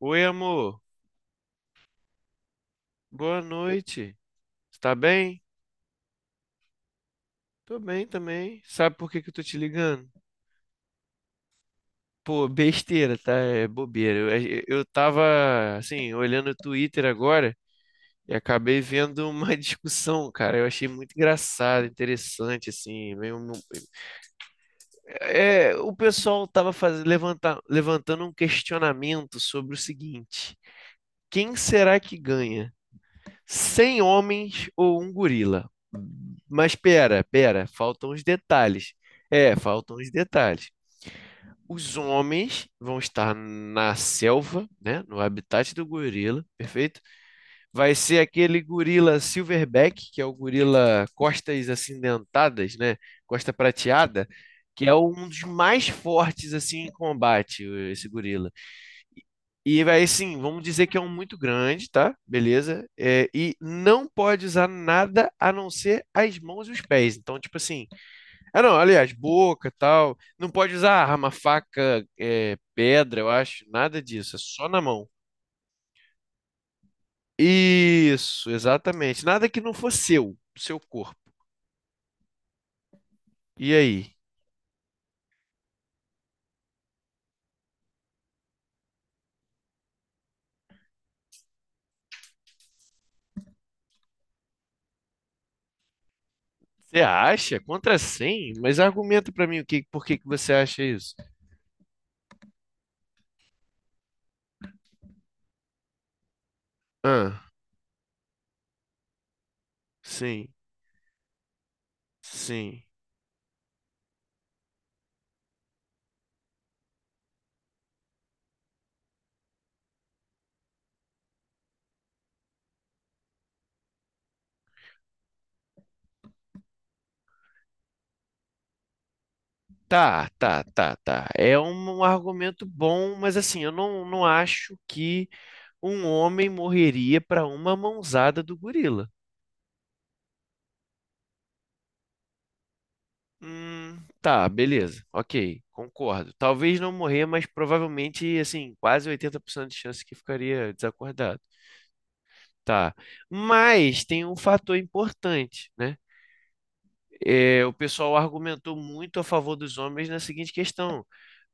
Oi, amor. Boa noite. Você tá bem? Tô bem também. Sabe por que que eu tô te ligando? Pô, besteira, tá? É bobeira. Eu tava, assim, olhando o Twitter agora e acabei vendo uma discussão, cara. Eu achei muito engraçado, interessante, assim. É, o pessoal tava levantando um questionamento sobre o seguinte: quem será que ganha? 100 homens ou um gorila? Mas pera, pera, faltam os detalhes. É, faltam os detalhes. Os homens vão estar na selva, né, no habitat do gorila, perfeito? Vai ser aquele gorila silverback, que é o gorila costas acidentadas, né, costa prateada, que é um dos mais fortes assim em combate, esse gorila. E vai assim, vamos dizer que é um muito grande, tá? Beleza? É, e não pode usar nada a não ser as mãos e os pés. Então, tipo assim, ah, não, aliás, boca, e tal. Não pode usar arma, faca, é, pedra, eu acho, nada disso, é só na mão. Isso, exatamente. Nada que não fosse seu, do seu corpo. E aí? Você acha? Contra 100? Mas argumenta pra mim o que, por que que você acha isso? Ah, sim, sim. Tá, tá, tá, tá. É um argumento bom, mas assim, eu não acho que um homem morreria pra uma mãozada do gorila. Tá, beleza. Ok, concordo. Talvez não morrer, mas provavelmente, assim, quase 80% de chance que ficaria desacordado. Tá. Mas tem um fator importante, né? É, o pessoal argumentou muito a favor dos homens na seguinte questão.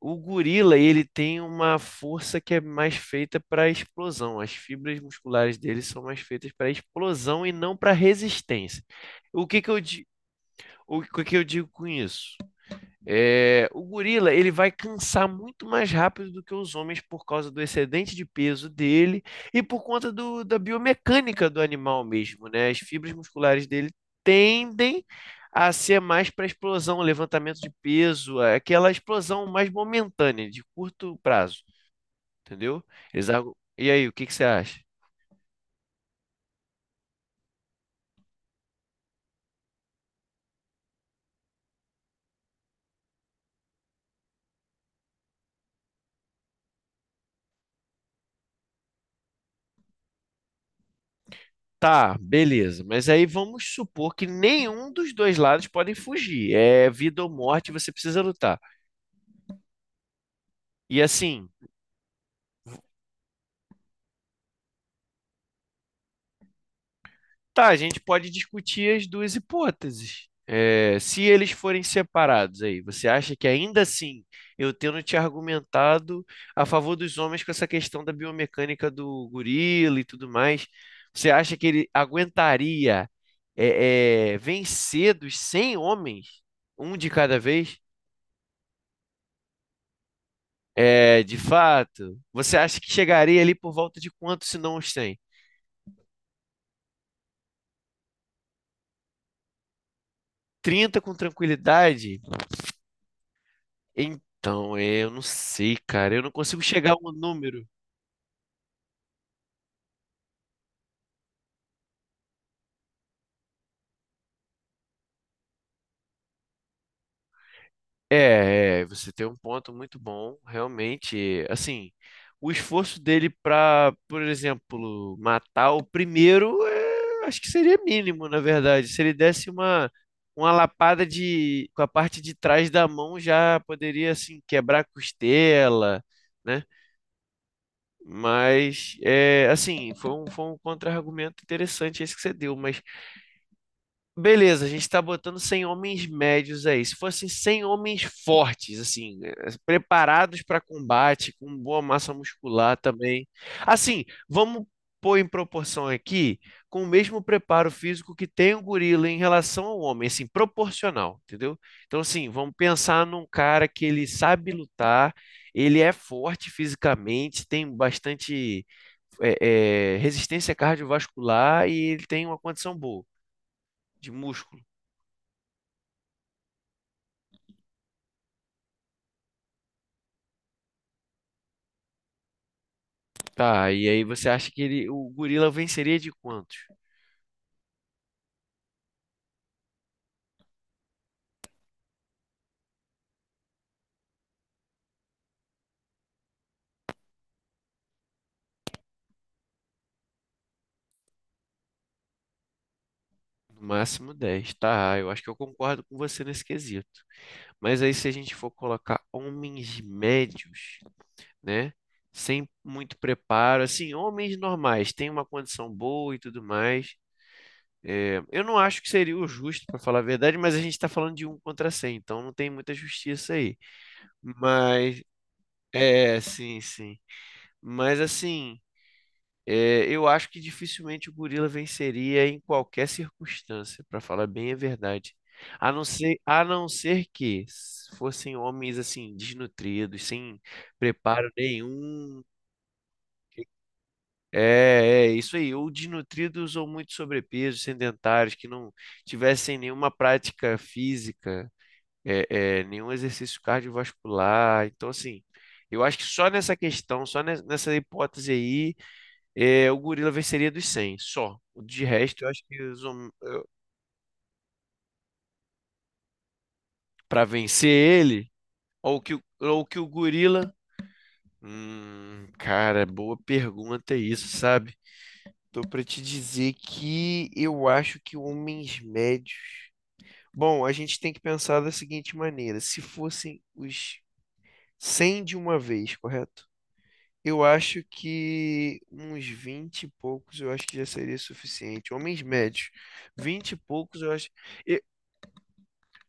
O gorila, ele tem uma força que é mais feita para explosão. As fibras musculares dele são mais feitas para explosão e não para resistência. O que que eu, di- o que que eu digo com isso? É, o gorila ele vai cansar muito mais rápido do que os homens por causa do excedente de peso dele e por conta da biomecânica do animal mesmo, né? As fibras musculares dele tendem a ser mais para explosão, levantamento de peso, aquela explosão mais momentânea, de curto prazo. Entendeu? E aí, o que que você acha? Tá, beleza. Mas aí vamos supor que nenhum dos dois lados podem fugir. É vida ou morte, você precisa lutar. E assim, tá, a gente pode discutir as duas hipóteses. É, se eles forem separados aí, você acha que ainda assim, eu tendo te argumentado a favor dos homens com essa questão da biomecânica do gorila e tudo mais, você acha que ele aguentaria vencer dos 100 homens, um de cada vez? É, de fato, você acha que chegaria ali por volta de quanto, se não os 100? 30 com tranquilidade? Então, é, eu não sei, cara. Eu não consigo chegar a um número. É, é, você tem um ponto muito bom, realmente. Assim, o esforço dele pra, por exemplo, matar o primeiro, é, acho que seria mínimo, na verdade. Se ele desse uma lapada de, com a parte de trás da mão, já poderia, assim, quebrar a costela, né? Mas, é, assim, foi um contra-argumento interessante esse que você deu, mas. Beleza, a gente está botando 100 homens médios aí. Se fossem 100 homens fortes, assim, eh, preparados para combate, com boa massa muscular também. Assim, vamos pôr em proporção aqui, com o mesmo preparo físico que tem o gorila em relação ao homem, assim, proporcional, entendeu? Então, assim, vamos pensar num cara que ele sabe lutar, ele é forte fisicamente, tem bastante, eh, resistência cardiovascular e ele tem uma condição boa de músculo. Tá, e aí você acha que ele, o gorila venceria de quantos? No máximo 10 tá? Eu acho que eu concordo com você nesse quesito. Mas aí se a gente for colocar homens médios, né? Sem muito preparo, assim, homens normais, têm uma condição boa e tudo mais. É, eu não acho que seria o justo, para falar a verdade, mas a gente está falando de um contra 100 então não tem muita justiça aí. Mas, é, sim, sim. Mas assim. É, eu acho que dificilmente o gorila venceria em qualquer circunstância, para falar bem a verdade. A não ser que fossem homens assim, desnutridos, sem preparo nenhum. É, é isso aí, ou desnutridos ou muito sobrepeso, sedentários, que não tivessem nenhuma prática física, nenhum exercício cardiovascular. Então, assim, eu acho que só nessa questão, só nessa hipótese aí é, o gorila venceria dos 100, só. De resto, eu acho que os pra vencer ele, ou que, ou que o gorila. Cara, boa pergunta isso, sabe? Tô pra te dizer que eu acho que homens médios. Bom, a gente tem que pensar da seguinte maneira: se fossem os 100 de uma vez, correto? Eu acho que uns 20 e poucos eu acho que já seria suficiente. Homens médios, 20 e poucos eu acho.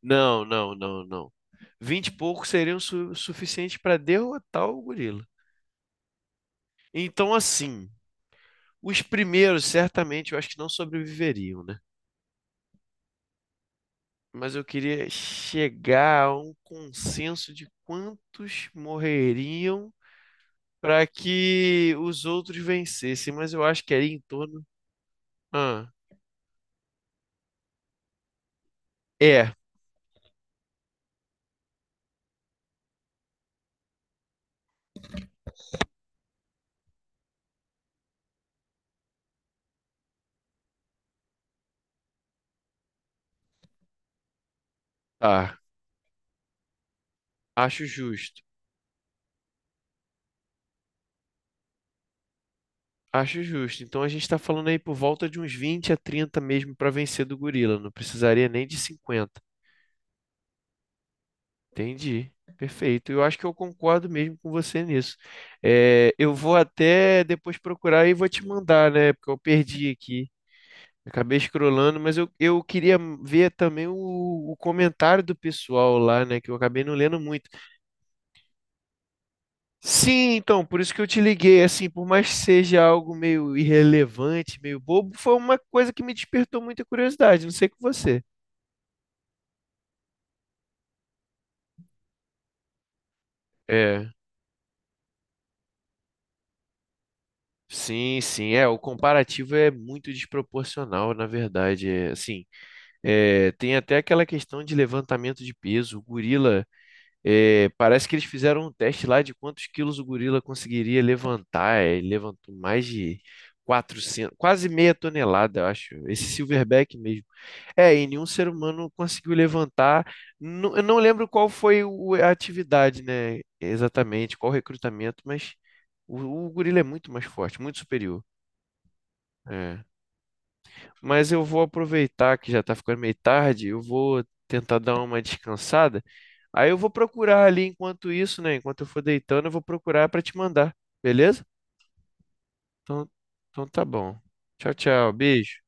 Não, não, não, não. Vinte e poucos seriam su suficientes para derrotar o gorila. Então, assim, os primeiros certamente eu acho que não sobreviveriam, né? Mas eu queria chegar a um consenso de quantos morreriam para que os outros vencessem, mas eu acho que ali em torno. Ah, é, tá. Acho justo. Acho justo. Então a gente está falando aí por volta de uns 20 a 30 mesmo para vencer do gorila. Não precisaria nem de 50. Entendi. Perfeito. Eu acho que eu concordo mesmo com você nisso. É, eu vou até depois procurar e vou te mandar, né? Porque eu perdi aqui. Acabei escrolando, mas eu queria ver também o comentário do pessoal lá, né? Que eu acabei não lendo muito. Sim, então, por isso que eu te liguei. Assim, por mais que seja algo meio irrelevante, meio bobo, foi uma coisa que me despertou muita curiosidade. Não sei com você. É, sim, sim, é, o comparativo é muito desproporcional, na verdade, é, assim, é, tem até aquela questão de levantamento de peso. O gorila, é, parece que eles fizeram um teste lá de quantos quilos o gorila conseguiria levantar. É, ele levantou mais de 400, quase meia tonelada, eu acho. Esse silverback mesmo. É, e nenhum ser humano conseguiu levantar. Eu não lembro qual foi a atividade, né? Exatamente, qual o recrutamento, mas o, o gorila é muito mais forte, muito superior. É. Mas eu vou aproveitar que já tá ficando meio tarde, eu vou tentar dar uma descansada. Aí eu vou procurar ali enquanto isso, né? Enquanto eu for deitando, eu vou procurar para te mandar, beleza? Então, então tá bom. Tchau, tchau, beijo.